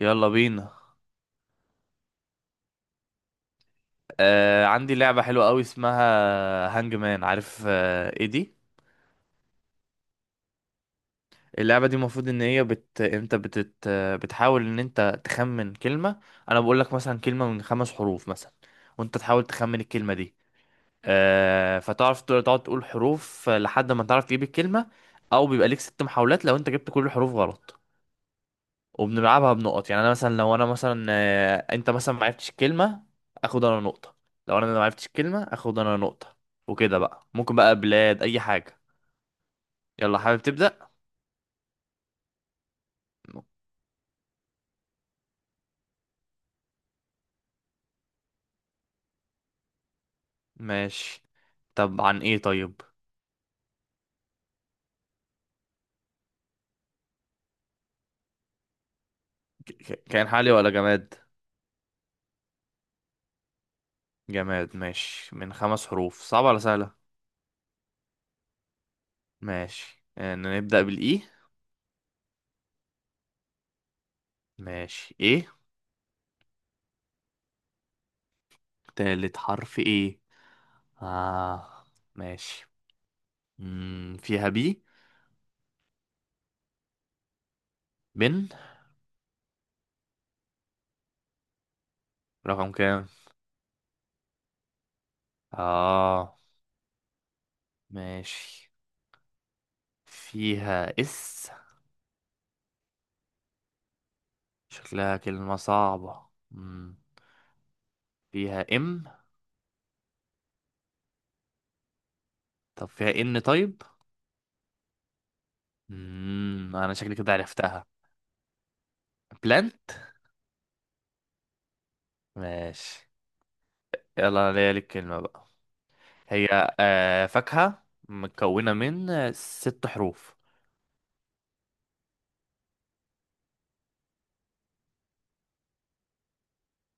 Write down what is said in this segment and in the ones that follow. يلا بينا. عندي لعبة حلوة قوي اسمها هانج مان. عارف ايه دي؟ اللعبة دي المفروض ان هي بت... انت بتت... آه، بتحاول ان انت تخمن كلمة. انا بقول لك مثلا كلمة من خمس حروف مثلا، وانت تحاول تخمن الكلمة دي. فتعرف تقعد تقول حروف لحد ما تعرف تجيب الكلمة. او بيبقى ليك ست محاولات لو انت جبت كل الحروف غلط. وبنلعبها بنقط. يعني انا مثلا لو انا مثلا آه، انت مثلا ما عرفتش الكلمه، اخد انا نقطه. لو انا ما عرفتش الكلمه اخد انا نقطه. وكده بقى ممكن بقى بلاد اي حاجه. يلا، حابب تبدا؟ ماشي. طب عن ايه طيب؟ كائن حالي ولا جماد؟ جماد. ماشي، من خمس حروف، صعبه ولا سهله؟ ماشي. نبدا بالاي. ماشي، ايه؟ تالت حرف ايه؟ اه، ماشي. فيها بي. بن. رقم كام؟ اه، ماشي. فيها اس. شكلها كلمة صعبة. فيها ام. طب فيها ان طيب؟ انا شكلي كده عرفتها. بلانت. ماشي، يلا انا ليا لك كلمة بقى. هي فاكهة مكونة من ست حروف.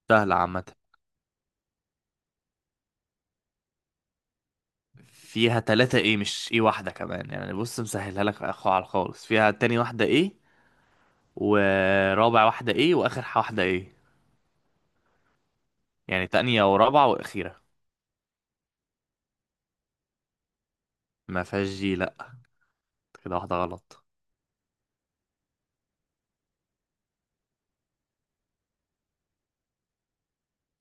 سهلة عامة. فيها تلاتة ايه، مش ايه واحدة كمان. يعني بص مسهلها لك على خالص، فيها تاني واحدة ايه، ورابع واحدة ايه، واخر واحدة ايه. يعني تانية ورابعة واخيرة. ما فيهاش جي، لا. كده واحدة غلط.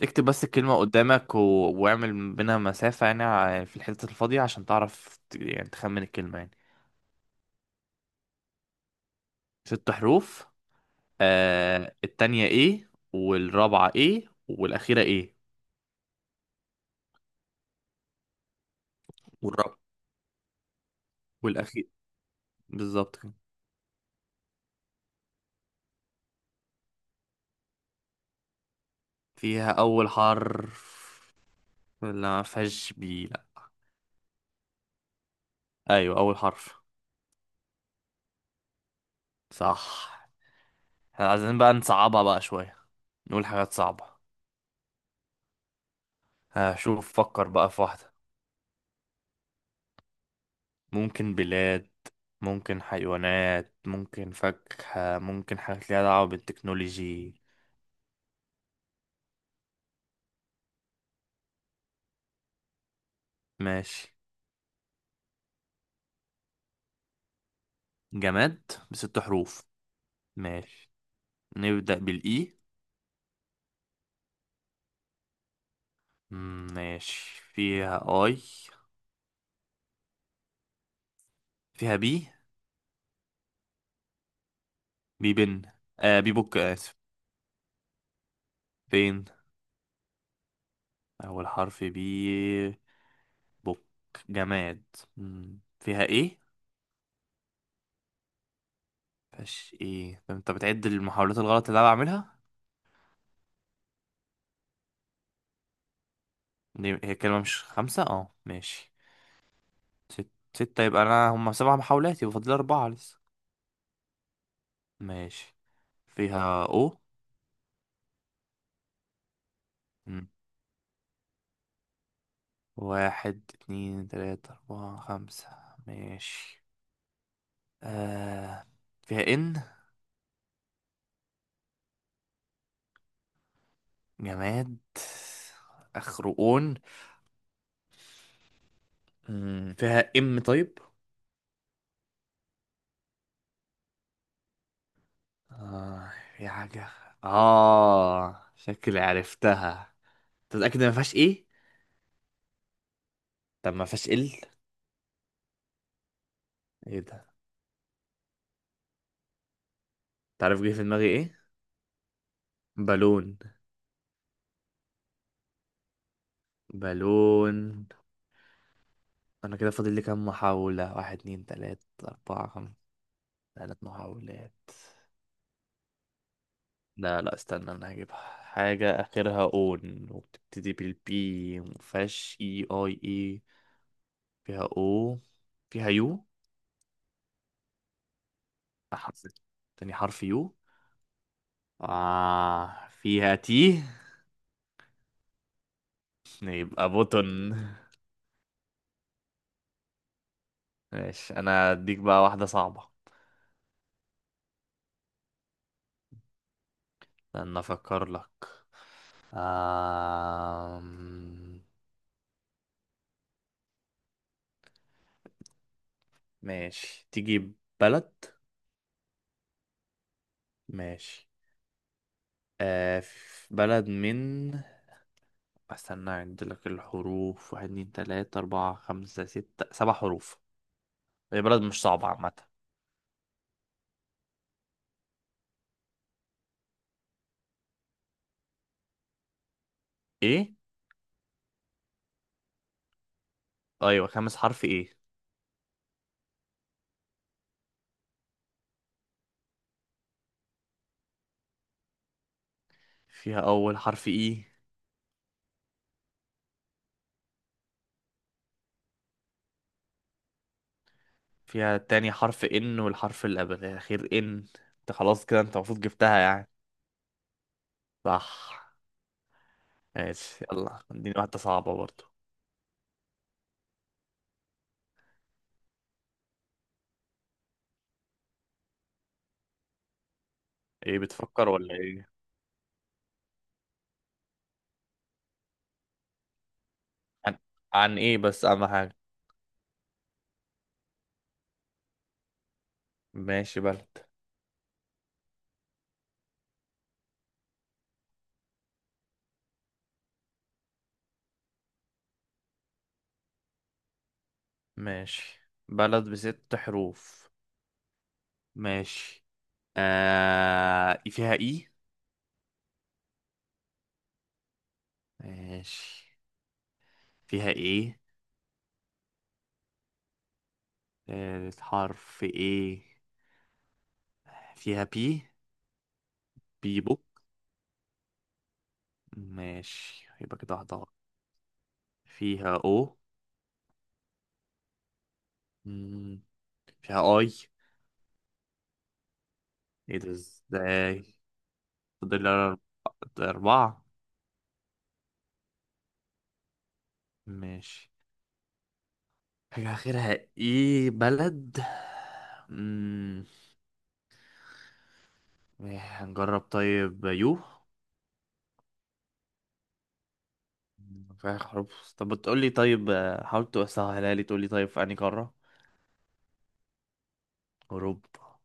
اكتب بس الكلمة قدامك واعمل بينها مسافة. يعني في الحتة الفاضية عشان تعرف يعني تخمن الكلمة يعني. ست حروف. التانية ايه، والرابعة ايه، والأخيرة ايه. والرابعة، والأخير. بالظبط كده. فيها أول حرف؟ لا، مفيهاش بي، لا. أيوة، أول حرف. صح. احنا عايزين بقى نصعبها بقى شوية. نقول حاجات صعبة. هشوف فكر بقى في واحدة. ممكن بلاد، ممكن حيوانات، ممكن فاكهة، ممكن حاجات ليها دعوة بالتكنولوجي. ماشي. جماد بست حروف؟ ماشي. نبدأ بالإي. ماشي، فيها آي؟ فيها بي. بي بن. بي بوك، آسف، بين. أول حرف. بي بوك. جماد. فيها إيه؟ فيهاش إيه؟ طب أنت بتعد المحاولات الغلط اللي أنا بعملها؟ هي كلمة مش خمسة، اه، ماشي. ست. ستة، يبقى أنا هما سبع محاولات، يبقى فاضل أربعة لسه. ماشي، فيها أو؟ مم. واحد، اتنين، تلاتة، أربعة، خمسة. ماشي. آه. فيها إن؟ جماد آخره أون. فيها إم طيب. آه. في حاجة. شكلي عرفتها. تتأكد ما فيهاش إيه؟ طب ما فيهاش إل؟ إيه ده؟ تعرف جه في دماغي إيه؟ بالون. بالون، انا كده فاضل لي كام محاولة؟ واحد، اتنين، تلاتة، اربعة، خمسة. تلات محاولات. لا، لا، استنى، انا هجيبها. حاجة اخرها اون وبتبتدي بالبي، مفيهاش اي. فيها او، فيها يو. حرف. تاني حرف يو. فيها تي. يبقى بوتن. ماشي، انا اديك بقى واحدة صعبة. استنى افكر لك. آه ماشي، تيجي. بلد. ماشي. آه في بلد من استنى عند لك الحروف، واحد، اتنين، تلاتة، أربعة، خمسة، ستة. سبع حروف. هي بلد مش صعبة عامة. ايه؟ أيوة، خامس حرف ايه؟ فيها أول حرف ايه؟ فيها تاني حرف ان، والحرف اللي قبل الأخير ان. انت خلاص كده، انت المفروض جبتها يعني. صح. ماشي، يلا اديني واحدة صعبة برضو. ايه، بتفكر ولا ايه؟ عن, عن ايه بس أهم حاجة؟ ماشي، بلد. ماشي، بلد بست حروف؟ ماشي. فيها اي. ماشي، فيها ايه. الحرف ايه. فيها بي. بي بوك. ماشي، يبقى كده واحدة غلط. فيها او. مم، فيها اي. ايه ده ازاي؟ فاضل لي اربعة. ماشي. حاجة اخرها ايه بلد. مم، إيه، هنجرب طيب يو. فيها حروف. طب بتقولي طيب، حاول تسهلها لي، تقولي طيب في انهي قارة. اوروبا.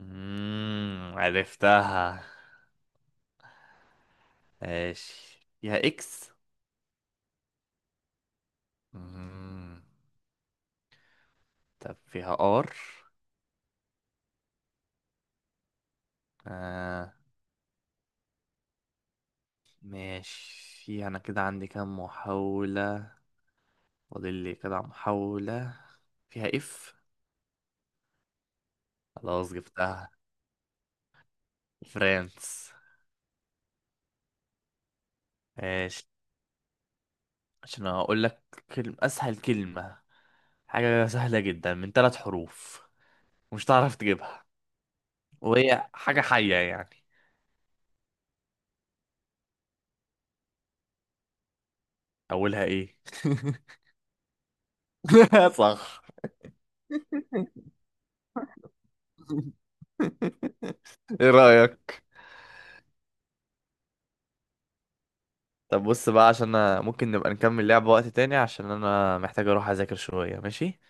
عرفتها. ماشي، فيها اكس. امم طب فيها ار. آه ماشي. انا كده عندي كام محاولة؟ فاضل لي كده محاولة. فيها اف. خلاص جبتها. فرانس. ماشي، عشان اقول لك كلمة، اسهل كلمة، حاجة سهلة جدا من ثلاث حروف، مش تعرف تجيبها. وهي حاجة حية يعني. اولها ايه؟ صح. ايه رأيك؟ طب بص بقى، عشان أنا ممكن نبقى نكمل لعبة وقت تاني، عشان انا محتاج اروح اذاكر شوية. ماشي؟